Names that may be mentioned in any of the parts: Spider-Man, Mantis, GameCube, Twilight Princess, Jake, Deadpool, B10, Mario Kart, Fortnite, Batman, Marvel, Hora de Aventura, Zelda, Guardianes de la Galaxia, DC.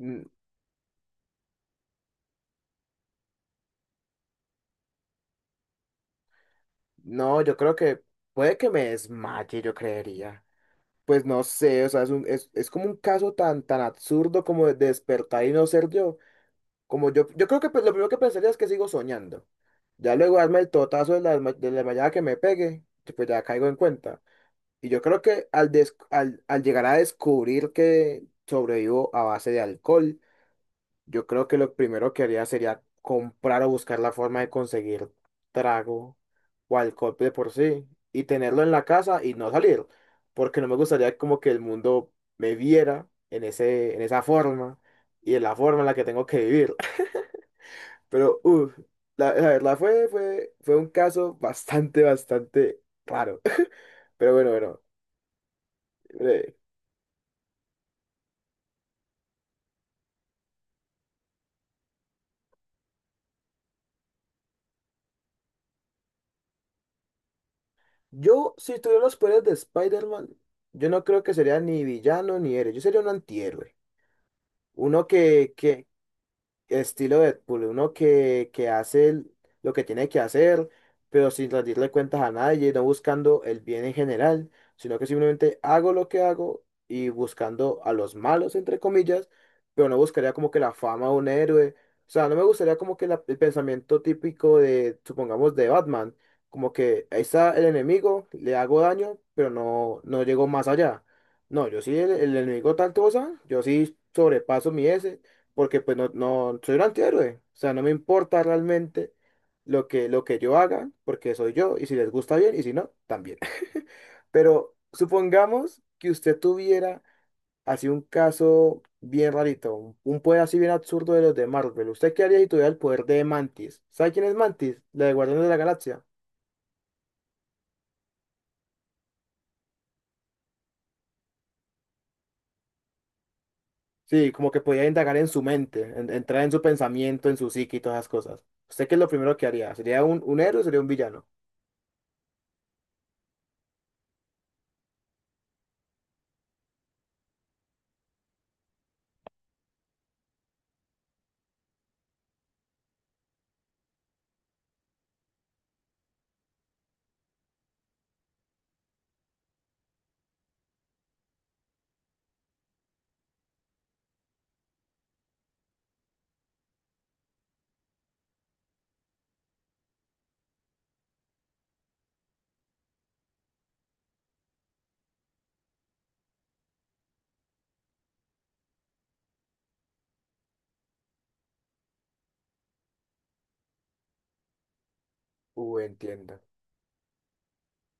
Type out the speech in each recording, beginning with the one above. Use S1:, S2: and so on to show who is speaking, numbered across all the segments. S1: Mm, no, yo creo que puede que me desmaye, yo creería. Pues no sé, o sea, es como un caso tan absurdo como de despertar y no ser yo. Como yo creo que pues, lo primero que pensaría es que sigo soñando. Ya luego darme el totazo de de la desmayada que me pegue, que, pues ya caigo en cuenta. Y yo creo que al llegar a descubrir que sobrevivo a base de alcohol, yo creo que lo primero que haría sería comprar o buscar la forma de conseguir trago o alcohol de por sí y tenerlo en la casa y no salir, porque no me gustaría como que el mundo me viera en en esa forma y en la forma en la que tengo que vivir. Pero, uff, la verdad fue un caso bastante raro. Pero bueno. eh, Yo, si tuviera los poderes de Spider-Man, yo no creo que sería ni villano ni héroe, yo sería un antihéroe. Uno que estilo Deadpool, uno que lo que tiene que hacer, pero sin rendirle cuentas a nadie, no buscando el bien en general, sino que simplemente hago lo que hago y buscando a los malos, entre comillas, pero no buscaría como que la fama de un héroe. O sea, no me gustaría como que el pensamiento típico de, supongamos, de Batman, como que ahí está el enemigo, le hago daño, pero no, no llego más allá. No, yo sí, el enemigo tal cosa, yo sí sobrepaso mi S porque pues no, no soy un antihéroe. O sea, no me importa realmente lo que yo haga, porque soy yo, y si les gusta bien, y si no, también. Pero supongamos que usted tuviera así un caso bien rarito, un poder así bien absurdo de los de Marvel. ¿Usted qué haría si tuviera el poder de Mantis? ¿Sabe quién es Mantis? La de Guardianes de la Galaxia. Sí, como que podía indagar en su mente, entrar en su pensamiento, en su psique y todas esas cosas. ¿Usted qué es lo primero que haría? ¿Sería un héroe o sería un villano? Entiendo.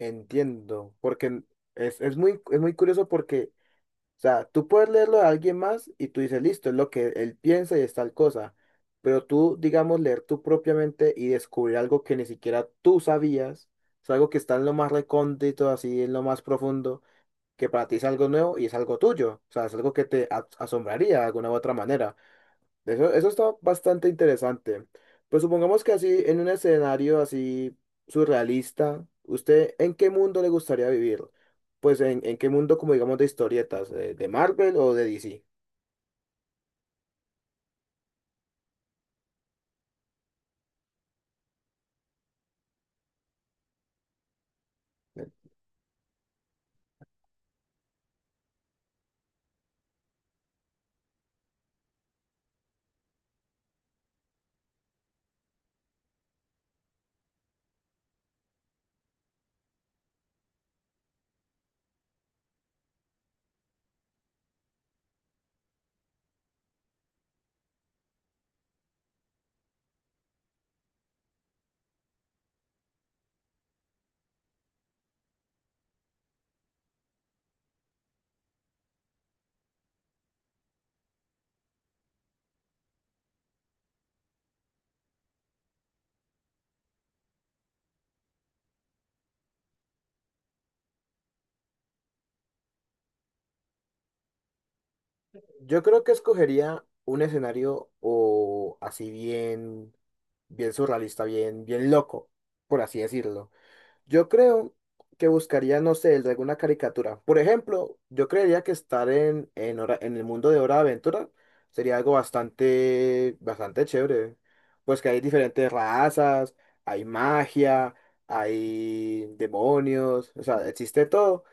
S1: Entiendo, porque es muy curioso porque, o sea, tú puedes leerlo de alguien más y tú dices, listo, es lo que él piensa y es tal cosa, pero tú, digamos, leer tú propiamente y descubrir algo que ni siquiera tú sabías, es algo que está en lo más recóndito, así, en lo más profundo, que para ti es algo nuevo y es algo tuyo, o sea, es algo que te asombraría de alguna u otra manera. Eso está bastante interesante. Pues supongamos que así, en un escenario así surrealista, ¿usted en qué mundo le gustaría vivir? Pues en qué mundo, como digamos, de historietas, de Marvel o de DC. Yo creo que escogería un escenario o así bien, bien surrealista, bien loco, por así decirlo. Yo creo que buscaría, no sé, el de alguna caricatura. Por ejemplo, yo creería que estar en el mundo de Hora de Aventura sería algo bastante chévere. Pues que hay diferentes razas, hay magia, hay demonios, o sea, existe todo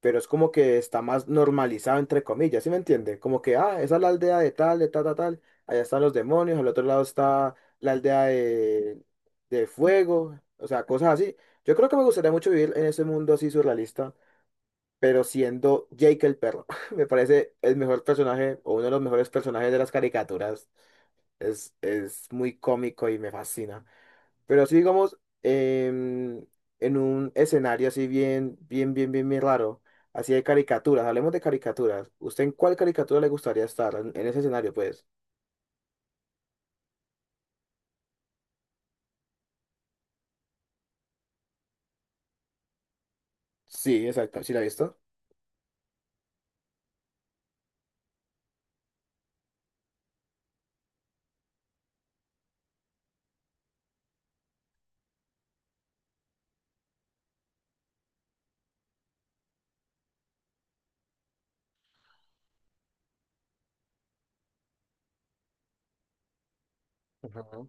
S1: pero es como que está más normalizado, entre comillas, ¿sí me entiende? Como que, ah, esa es la aldea de tal, allá están los demonios, al otro lado está la aldea de fuego, o sea, cosas así. Yo creo que me gustaría mucho vivir en ese mundo así surrealista, pero siendo Jake el perro, me parece el mejor personaje o uno de los mejores personajes de las caricaturas. Es muy cómico y me fascina. Pero así digamos, en un escenario así bien raro, así de caricaturas, hablemos de caricaturas. ¿Usted en cuál caricatura le gustaría estar? En ese escenario, pues. Sí, exacto, ¿sí la ha visto? Ujú,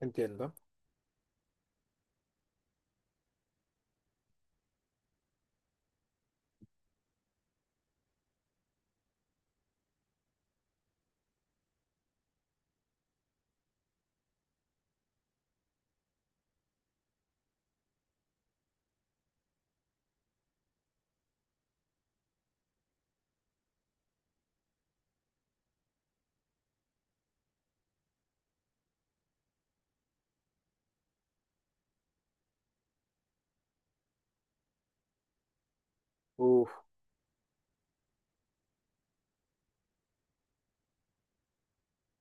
S1: entiendo. Uf,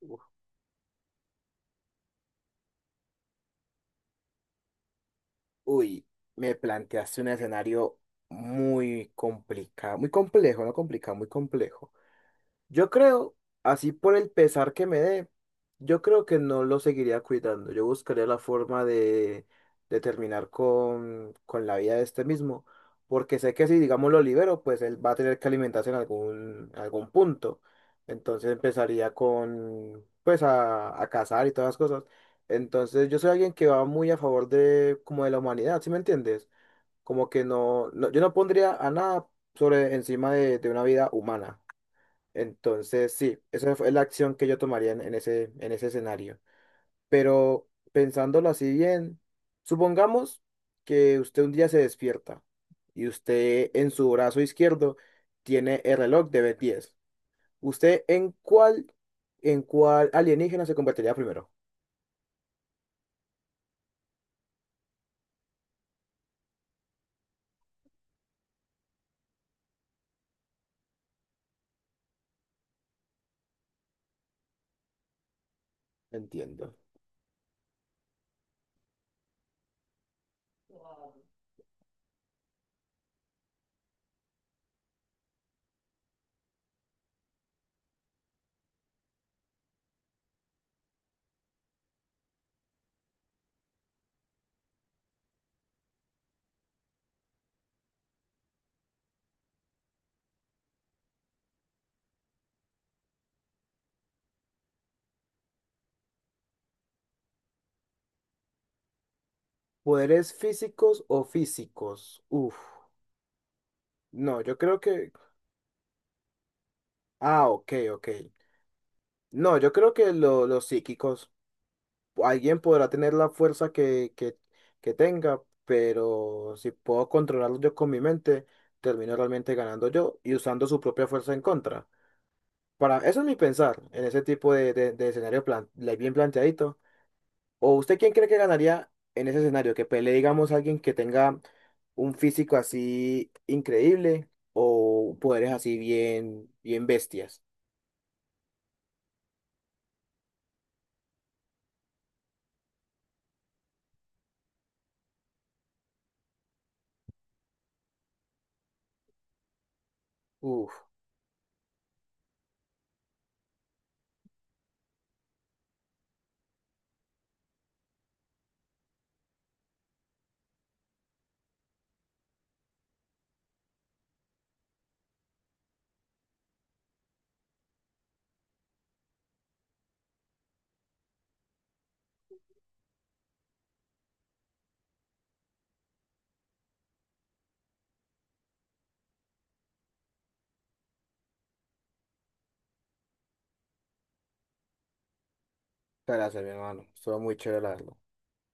S1: uf, uy, me planteaste un escenario muy complicado, muy complejo, no complicado, muy complejo. Yo creo, así por el pesar que me dé, yo creo que no lo seguiría cuidando. Yo buscaría la forma de terminar con la vida de este mismo. Porque sé que si, digamos, lo libero, pues él va a tener que alimentarse en algún punto. Entonces empezaría con, pues, a cazar y todas las cosas. Entonces yo soy alguien que va muy a favor de, como de la humanidad, ¿sí me entiendes? Como que yo no pondría a nada sobre encima de una vida humana. Entonces, sí, esa fue la acción que yo tomaría en ese escenario. Pero pensándolo así bien, supongamos que usted un día se despierta y usted en su brazo izquierdo tiene el reloj de B10. ¿Usted en cuál alienígena se convertiría primero? Entiendo. ¿Poderes físicos o físicos? Uf. No, yo creo que... Ah, ok, ok. No, yo creo que los psíquicos, alguien podrá tener la fuerza que tenga, pero si puedo controlarlo yo con mi mente, termino realmente ganando yo y usando su propia fuerza en contra. Para, eso es mi pensar en ese tipo de, de escenario plan, le- bien planteadito. ¿O usted quién cree que ganaría en ese escenario? ¿Que pelee, digamos, alguien que tenga un físico así increíble o poderes así bien bestias? Uf. Muchas gracias, mi hermano. Estuvo muy chévere la